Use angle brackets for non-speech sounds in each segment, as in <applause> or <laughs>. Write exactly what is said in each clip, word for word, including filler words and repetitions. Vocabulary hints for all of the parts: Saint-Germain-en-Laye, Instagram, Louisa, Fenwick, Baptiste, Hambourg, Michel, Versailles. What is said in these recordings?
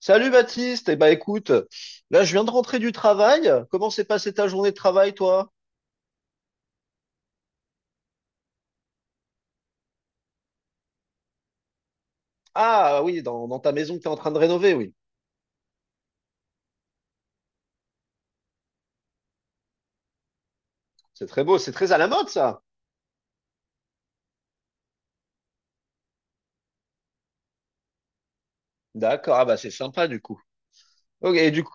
Salut Baptiste, et ben écoute, là je viens de rentrer du travail. Comment s'est passée ta journée de travail, toi? Ah oui, dans, dans ta maison que tu es en train de rénover, oui. C'est très beau, c'est très à la mode ça. D'accord, ah bah c'est sympa du coup. Ok, et du coup,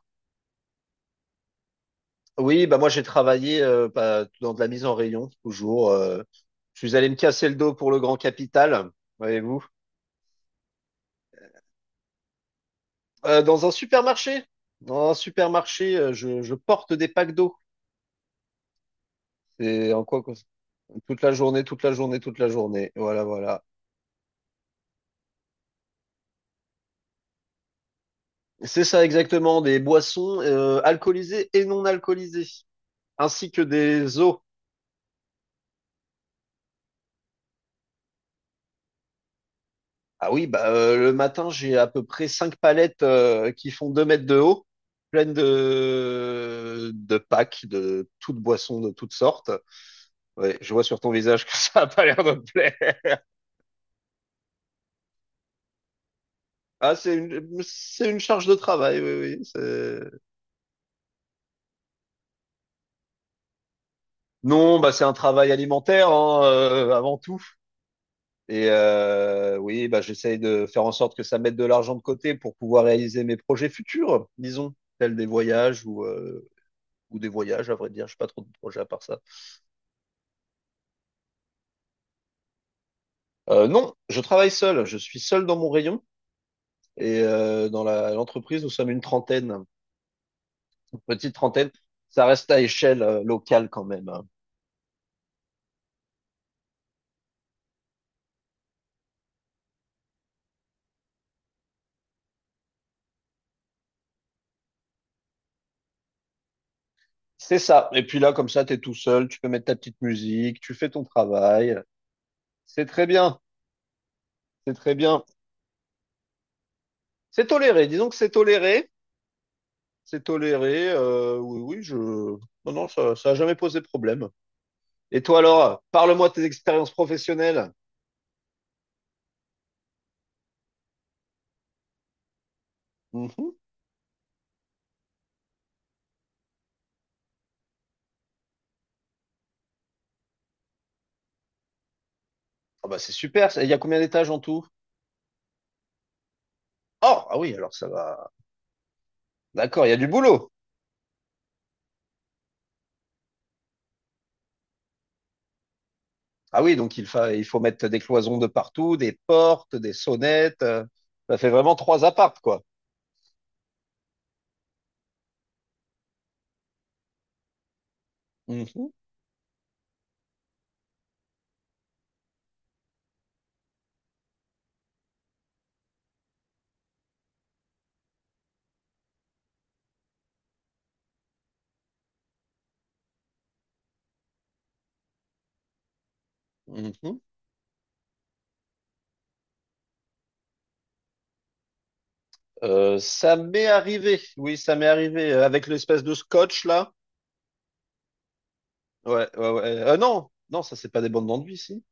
oui, bah moi j'ai travaillé euh, bah, dans de la mise en rayon, toujours. Euh, je suis allé me casser le dos pour le grand capital, voyez-vous. Euh, dans un supermarché, dans un supermarché, euh, je, je porte des packs d'eau. C'est en quoi que- Toute la journée, toute la journée, toute la journée. Voilà, voilà. C'est ça exactement, des boissons euh, alcoolisées et non alcoolisées, ainsi que des eaux. Ah oui, bah, euh, le matin, j'ai à peu près cinq palettes euh, qui font deux mètres de haut, pleines de, de packs, de toutes boissons de toutes sortes. Ouais, je vois sur ton visage que <laughs> ça a pas l'air de te plaire. Ah, c'est une, c'est une charge de travail, oui, oui. c'est- Non, bah, c'est un travail alimentaire, hein, euh, avant tout. Et euh, oui, bah, j'essaye de faire en sorte que ça mette de l'argent de côté pour pouvoir réaliser mes projets futurs, disons, tels des voyages ou, euh, ou des voyages, à vrai dire. Je pas trop de projets à part ça. Euh, non, je travaille seul. Je suis seul dans mon rayon. Et euh, dans la- l'entreprise, nous sommes une trentaine, une petite trentaine. Ça reste à échelle euh, locale quand même. Hein. C'est ça. Et puis là, comme ça, tu es tout seul. Tu peux mettre ta petite musique. Tu fais ton travail. C'est très bien. C'est très bien. C'est toléré. Disons que c'est toléré. C'est toléré. Euh, oui, oui, je. Non, non, ça, ça a jamais posé problème. Et toi alors, parle-moi de tes expériences professionnelles. Mhm. Ah bah c'est super. ça- Il y a combien d'étages en tout? Oh, ah oui, alors ça va. D'accord, il y a du boulot. Ah oui, donc il fa- il faut mettre des cloisons de partout, des portes, des sonnettes. euh, Ça fait vraiment trois appartes, quoi. Mhm, mhm. Euh, ça m'est arrivé. Oui, ça m'est arrivé euh, avec l'espèce de scotch là. Ouais, ouais, ouais. Euh, non, non, ça c'est pas des bandes d'enduit, si.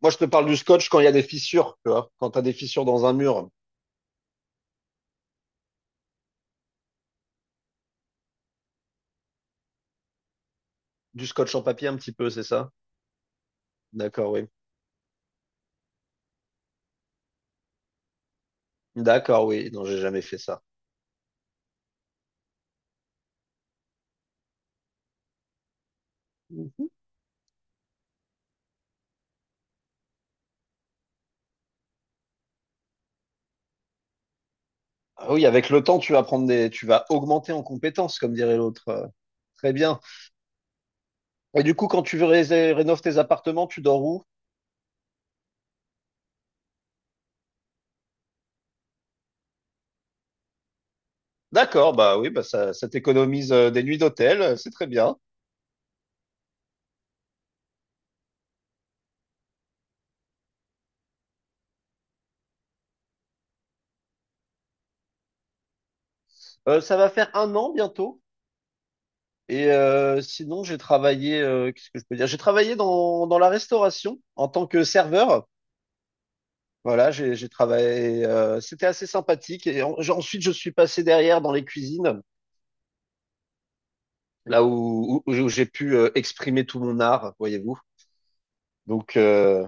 Moi, je te parle du scotch quand il y a des fissures, tu vois. Quand tu as des fissures dans un mur, du scotch en papier un petit peu, c'est ça? D'accord, oui. D'accord, oui. Non, j'ai jamais fait ça. Ah oui, avec le temps, tu vas prendre des, tu vas augmenter en compétences, comme dirait l'autre. Euh, Très bien. Et du coup, quand tu veux ré- rénover tes appartements, tu dors où? D'accord, bah oui, bah ça, ça t'économise euh, des nuits d'hôtel, euh, c'est très bien. Euh, ça va faire un an bientôt. Et euh, sinon, j'ai travaillé, euh, qu'est-ce que je peux dire? J'ai travaillé dans, dans la restauration en tant que serveur. Voilà, j'ai j'ai travaillé. Euh, c'était assez sympathique. Et en- j'- ensuite, je suis passé derrière dans les cuisines, là où, où- où j'ai pu euh, exprimer tout mon art, voyez-vous. Donc, euh,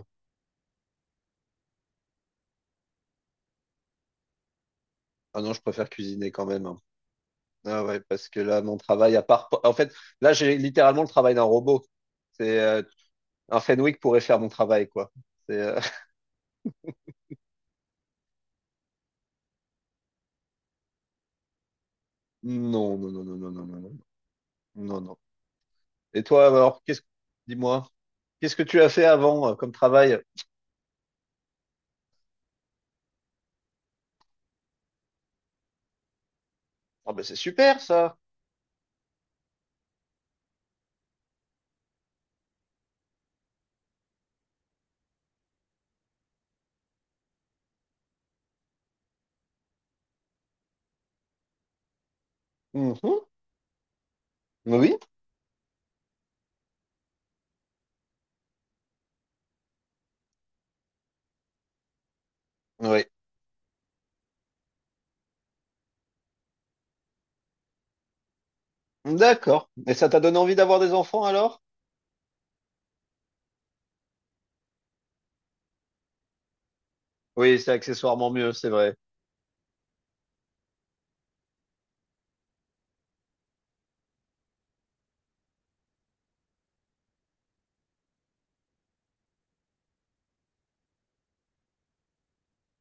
ah non, je préfère cuisiner quand même. Hein. Ah ouais, parce que là, mon travail, à part, en fait, là, j'ai littéralement le travail d'un robot. C'est euh, Un Fenwick pourrait faire mon travail, quoi. C'est euh, <laughs> Non, non, non, non, non, non, non, non, non, non. Et toi, alors, qu'est-ce, dis-moi, qu'est-ce que tu as fait avant euh, comme travail? Ah ben, c'est super, ça. Mhm. Oui. Oui. D'accord. Et ça t'a donné envie d'avoir des enfants alors? Oui, c'est accessoirement mieux, c'est vrai.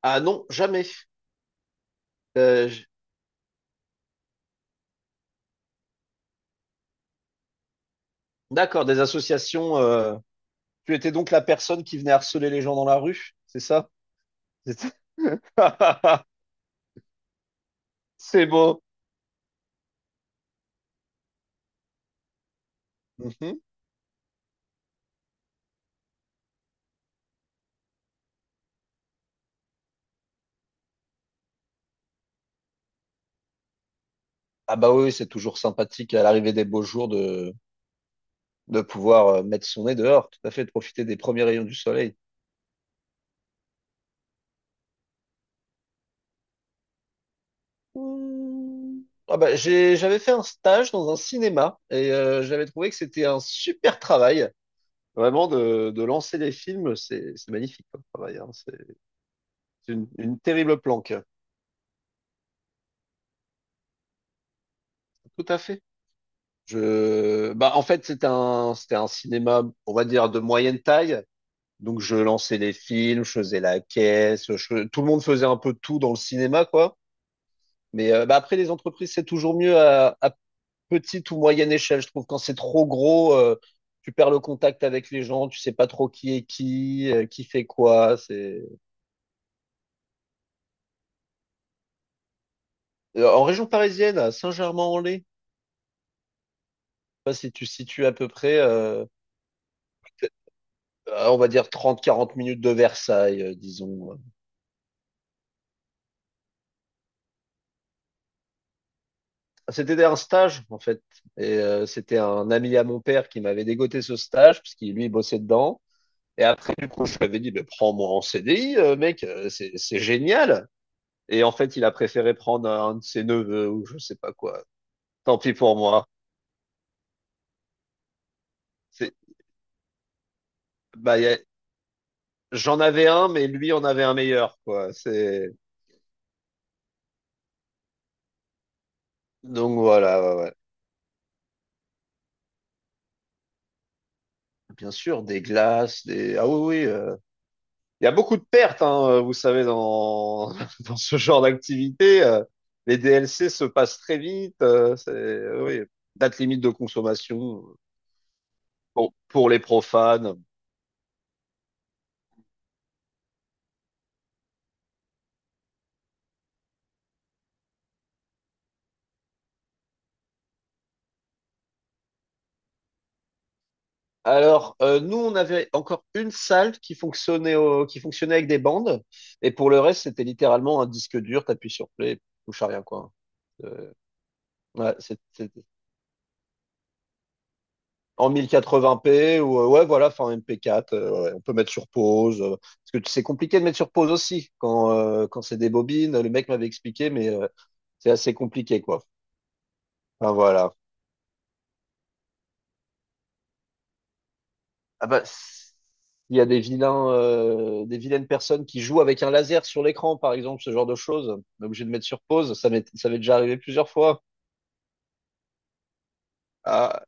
Ah non, jamais. Euh, j- d'accord, des associations. euh, Tu étais donc la personne qui venait harceler les gens dans la rue, c'est ça? C'est <laughs> C'est beau. Mhm. Ah bah oui, oui, c'est toujours sympathique à l'arrivée des beaux jours de, de pouvoir euh, mettre son nez dehors, tout à fait, de profiter des premiers rayons du soleil. Mmh. Ah bah, j'ai, j'avais fait un stage dans un cinéma et euh, j'avais trouvé que c'était un super travail. Vraiment, de, de lancer les films, c'est c'est magnifique comme travail. Hein. C'est c'est une, une terrible planque. Tout à fait. Je, bah, en fait, c'était un, c'était un cinéma, on va dire, de moyenne taille. Donc, je lançais les films, je faisais la caisse, je- tout le monde faisait un peu tout dans le cinéma, quoi. Mais euh, bah, après, les entreprises, c'est toujours mieux à, à petite ou moyenne échelle. Je trouve quand c'est trop gros, euh, tu perds le contact avec les gens, tu sais pas trop qui est qui, euh, qui fait quoi. C'est Euh, en région parisienne, à Saint-Germain-en-Laye. Pas si tu situes à peu près, euh, euh, on va dire trente à quarante minutes de Versailles, euh, disons. C'était un stage, en fait. Et euh, c'était un ami à mon père qui m'avait dégoté ce stage, parce qu'il, lui, bossait dedans. Et après, du coup, je lui avais dit, mais prends-moi en C D I, euh, mec, euh, c'est c'est génial. Et en fait, il a préféré prendre un de ses neveux ou je sais pas quoi. Tant pis pour moi. C'est, Bah, y a- j'en avais un, mais lui en avait un meilleur, quoi. C'est, donc voilà, ouais, ouais. Bien sûr, des glaces, des, ah oui, oui, euh, il y a beaucoup de pertes, hein, euh, vous savez, dans, <laughs> dans ce genre d'activité. euh, Les D L C se passent très vite. Euh, C'est, euh, oui, date limite de consommation euh, pour, pour les profanes. Alors, euh, nous, on avait encore une salle qui fonctionnait, au- qui fonctionnait avec des bandes. Et pour le reste, c'était littéralement un disque dur, t'appuies sur play, touche à rien, quoi. Euh, ouais, c'est- c'était en mille quatre-vingts p ou euh, ouais voilà, enfin M P quatre. Euh, ouais, on peut mettre sur pause euh, parce que c'est compliqué de mettre sur pause aussi quand euh, quand c'est des bobines, le mec m'avait expliqué, mais euh, c'est assez compliqué quoi, enfin voilà. Ah bah c- il y a des vilains euh, des vilaines personnes qui jouent avec un laser sur l'écran par exemple, ce genre de choses, on est obligé de mettre sur pause. Ça m'est ça m'est déjà arrivé plusieurs fois. Ah,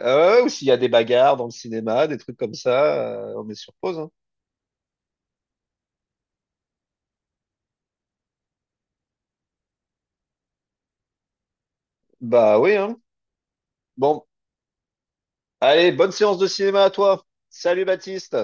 euh, ou s'il y a des bagarres dans le cinéma, des trucs comme ça, euh, on met sur pause hein. Bah oui hein. Bon allez, bonne séance de cinéma à toi. Salut Baptiste.